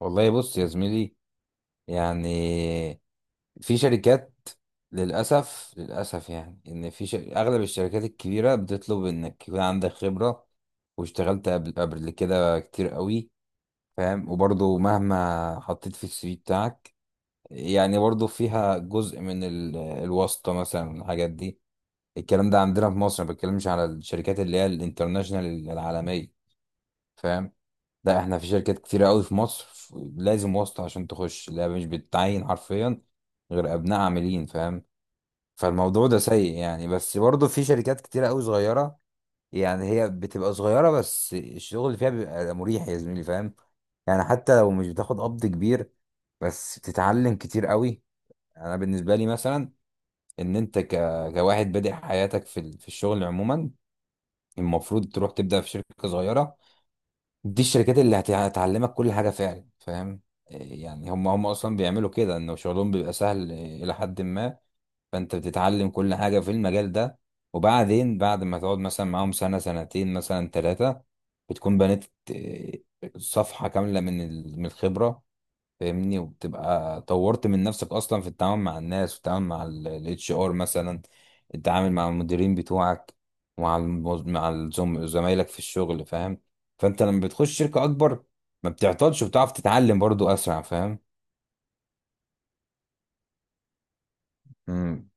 والله بص يا زميلي. يعني في شركات، للأسف للأسف، إن أغلب الشركات الكبيرة بتطلب إنك يكون عندك خبرة واشتغلت قبل كده كتير قوي، فاهم؟ وبرضه مهما حطيت في السي في بتاعك، يعني برضه فيها جزء من الواسطة مثلا، الحاجات دي. الكلام ده عندنا في مصر، ما بتكلمش على الشركات اللي هي الانترناشنال العالمية، فاهم؟ ده احنا في شركات كتيرة قوي في مصر لازم واسطة عشان تخش، لا مش بتعين حرفيا غير ابناء عاملين، فاهم؟ فالموضوع ده سيء يعني، بس برضه في شركات كتيرة قوي صغيرة. يعني هي بتبقى صغيرة بس الشغل اللي فيها بيبقى مريح يا زميلي، فاهم؟ يعني حتى لو مش بتاخد قبض كبير، بس بتتعلم كتير قوي. انا بالنسبة لي مثلا، ان انت ك... كواحد بادئ حياتك في في الشغل عموما، المفروض تروح تبدأ في شركة صغيرة. دي الشركات اللي هتعلمك كل حاجة فعلا، فاهم؟ إيه يعني، هم أصلا بيعملوا كده، إنه شغلهم بيبقى سهل إيه، إلى حد ما. فأنت بتتعلم كل حاجة في المجال ده، وبعدين بعد ما تقعد مثلا معاهم سنة سنتين مثلا ثلاثة، بتكون بنيت إيه، صفحة كاملة من من الخبرة، فاهمني؟ وبتبقى طورت من نفسك اصلا في التعامل مع الناس، والتعامل مع الاتش ار مثلا، التعامل مع المديرين بتوعك، ومع مع زمايلك في الشغل، فاهم؟ فانت لما بتخش شركة اكبر، ما بتعطلش وبتعرف تتعلم برضو اسرع، فاهم؟ امم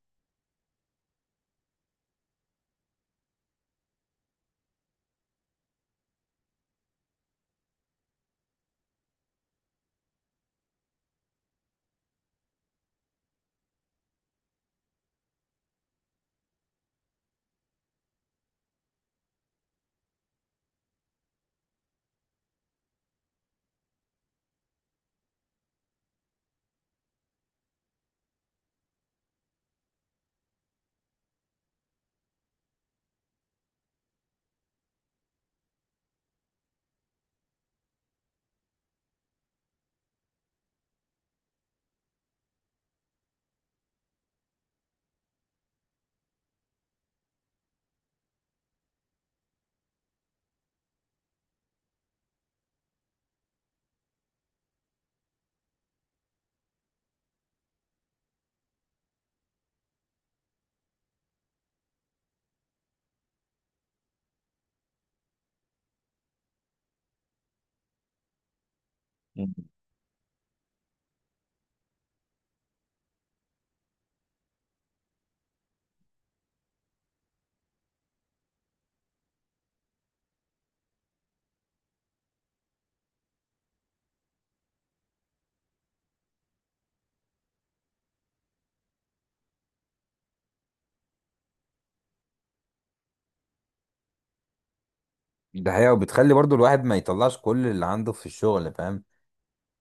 ده حقيقة، وبتخلي برضو الواحد ما يطلعش كل اللي عنده في الشغل، فاهم؟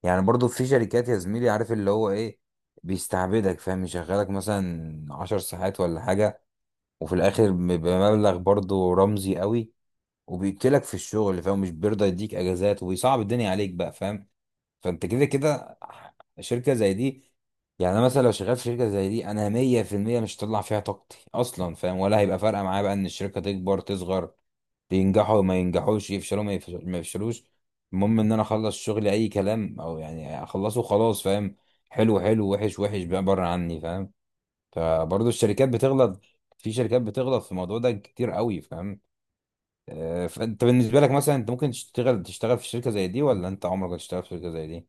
يعني برضو في شركات يا زميلي، عارف اللي هو ايه، بيستعبدك، فاهم؟ يشغلك مثلا عشر ساعات ولا حاجة، وفي الآخر بمبلغ برضو رمزي قوي، وبيقتلك في الشغل، فاهم؟ مش بيرضى يديك اجازات، وبيصعب الدنيا عليك بقى، فاهم؟ فانت كده كده، شركه زي دي، يعني انا مثلا لو شغال في شركه زي دي انا 100% مش هطلع فيها طاقتي اصلا، فاهم؟ ولا هيبقى فارقه معايا بقى ان الشركه تكبر تصغر، ينجحوا ما ينجحوش، يفشلوا ما يفشلوش. المهم ان انا اخلص شغلي اي كلام، او يعني اخلصه خلاص، فاهم؟ حلو حلو، وحش وحش، بقى بره عني، فاهم؟ فبرضه الشركات بتغلط، في شركات بتغلط في الموضوع ده كتير قوي، فاهم؟ آه، فانت بالنسبه لك مثلا، انت ممكن تشتغل في شركه زي دي؟ ولا انت عمرك هتشتغل في شركه زي دي؟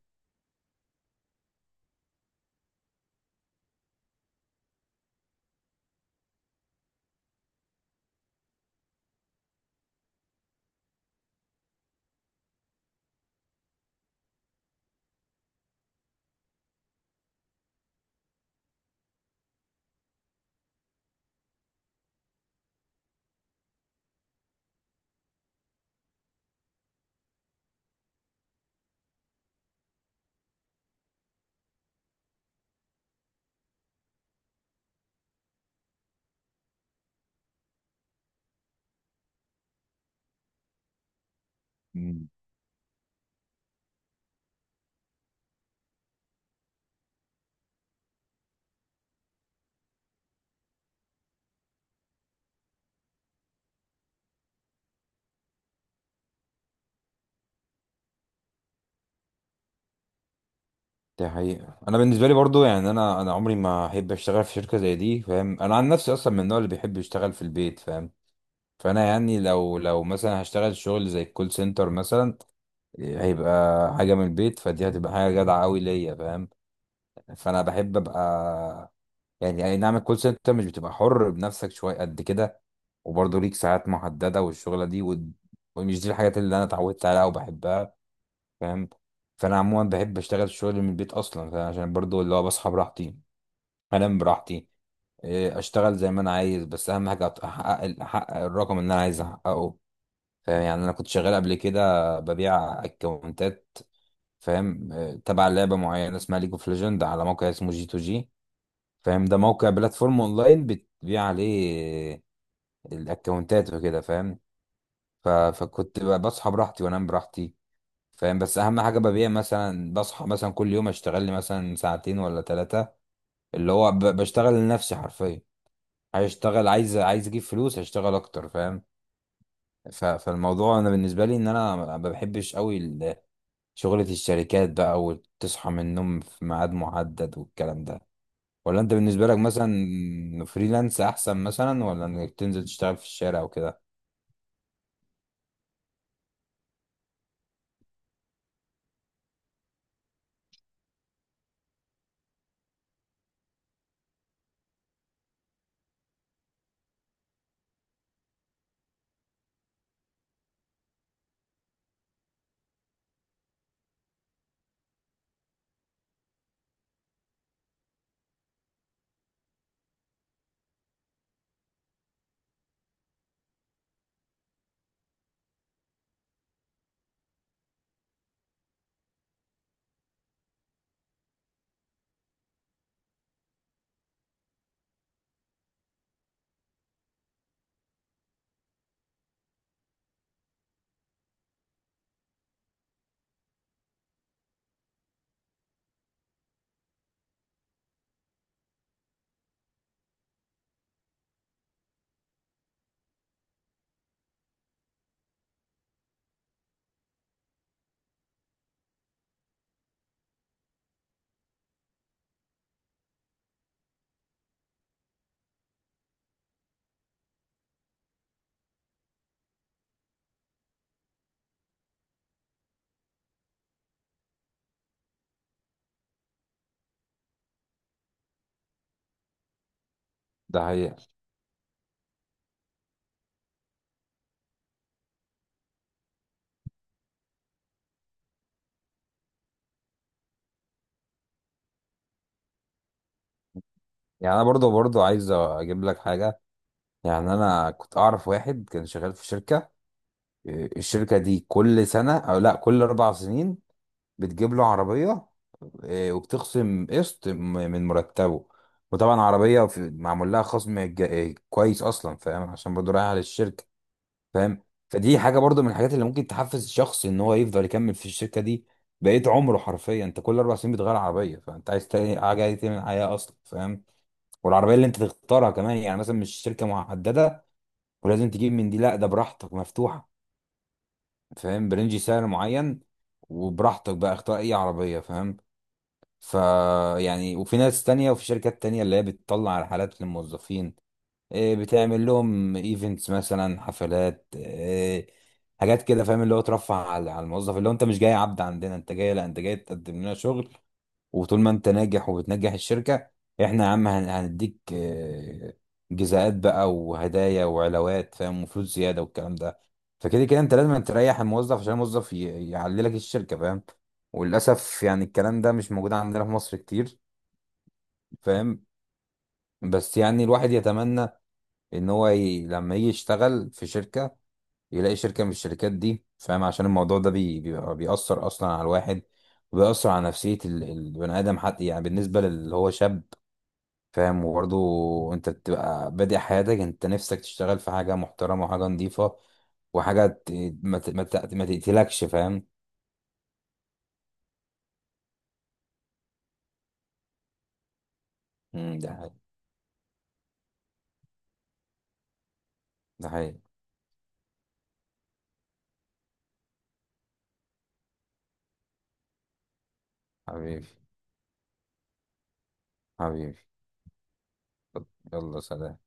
مم. دي حقيقة. أنا بالنسبة لي برضو يعني، أنا عمري ما أحب أشتغل في شركة زي دي، فاهم؟ أنا عن نفسي أصلا من النوع اللي بيحب يشتغل في البيت، فاهم؟ فأنا يعني، لو مثلا هشتغل شغل زي الكول سنتر مثلا، هيبقى حاجة من البيت، فدي هتبقى حاجة جدعة أوي ليا، فاهم؟ فأنا بحب أبقى، يعني اي نعم، الكول سنتر مش بتبقى حر بنفسك شويه قد كده، وبرضه ليك ساعات محدده والشغله ومش دي الحاجات اللي انا اتعودت عليها وبحبها، فاهم؟ فانا عموما بحب اشتغل الشغل من البيت اصلا، فعشان برضه اللي هو بصحى براحتي، انام براحتي، إيه، اشتغل زي ما انا عايز، بس اهم حاجه احقق الرقم اللي انا عايز احققه، فاهم؟ يعني انا كنت شغال قبل كده ببيع اكونتات، فاهم؟ إيه، تبع لعبه معينه اسمها ليج اوف ليجند، على موقع اسمه جي تو جي، فاهم؟ ده موقع بلاتفورم اونلاين بتبيع عليه الاكونتات وكده، فاهم؟ ف... فكنت بصحى براحتي وانام براحتي، فاهم؟ بس اهم حاجه ببيع، مثلا بصحى مثلا كل يوم اشتغل لي مثلا ساعتين ولا ثلاثه، اللي هو بشتغل لنفسي حرفيا. عايز اشتغل، عايز اجيب فلوس هشتغل اكتر، فاهم؟ ف... فالموضوع انا بالنسبه لي ان انا ما بحبش قوي شغله الشركات بقى، وتصحى من النوم في ميعاد محدد والكلام ده. ولا انت بالنسبة لك مثلا فريلانس احسن؟ مثلا ولا انك تنزل تشتغل في الشارع وكده؟ ده حقيقة. يعني انا برضو برضو عايز اجيب لك حاجة. يعني انا كنت اعرف واحد كان شغال في شركة، إيه، الشركة دي كل سنة او لا كل اربع سنين بتجيب له عربية، إيه، وبتخصم قسط من مرتبه، وطبعا عربية معمول لها خصم إيه، كويس اصلا، فاهم؟ عشان برضو رايحة للشركة، فاهم؟ فدي حاجه برضو من الحاجات اللي ممكن تحفز الشخص ان هو يفضل يكمل في الشركه دي. بقيت عمره حرفيا انت كل اربع سنين بتغير عربيه، فانت عايز تاني حاجه، عايز تعمل حياه اصلا، فاهم؟ والعربيه اللي انت تختارها كمان، يعني مثلا مش شركه محدده ولازم تجيب من دي، لا ده براحتك مفتوحه، فاهم؟ برنج سعر معين، وبراحتك بقى اختار اي عربيه، فاهم؟ ف يعني وفي ناس تانية وفي شركات تانية اللي هي بتطلع رحلات للموظفين، إيه، بتعمل لهم ايفنتس مثلا، حفلات، إيه، حاجات كده، فاهم؟ اللي هو ترفع على الموظف، اللي هو انت مش جاي عبد عندنا، انت جاي، لا انت جاي تقدم لنا شغل، وطول ما انت ناجح وبتنجح الشركة، احنا يا عم هنديك إيه، جزاءات بقى وهدايا وعلاوات، فاهم؟ وفلوس زيادة والكلام ده. فكده كده انت لازم تريح الموظف عشان الموظف يعلي لك الشركة، فاهم؟ وللأسف يعني الكلام ده مش موجود عندنا في مصر كتير، فاهم؟ بس يعني الواحد يتمنى ان هو لما يجي يشتغل في شركة، يلاقي شركة من الشركات دي، فاهم؟ عشان الموضوع ده بيبقى بيأثر اصلا على الواحد، وبيأثر على نفسية البني ادم حتى، يعني بالنسبة للي هو شاب، فاهم؟ وبرضه انت بتبقى بادئ حياتك، انت نفسك تشتغل في حاجة محترمة وحاجة نظيفة، وحاجة ت... ما ت... ما ت... ما تقتلكش، فاهم؟ مم، ده حقيقي. ده حقيقي. حبيبي، حبيبي، يلا سلام.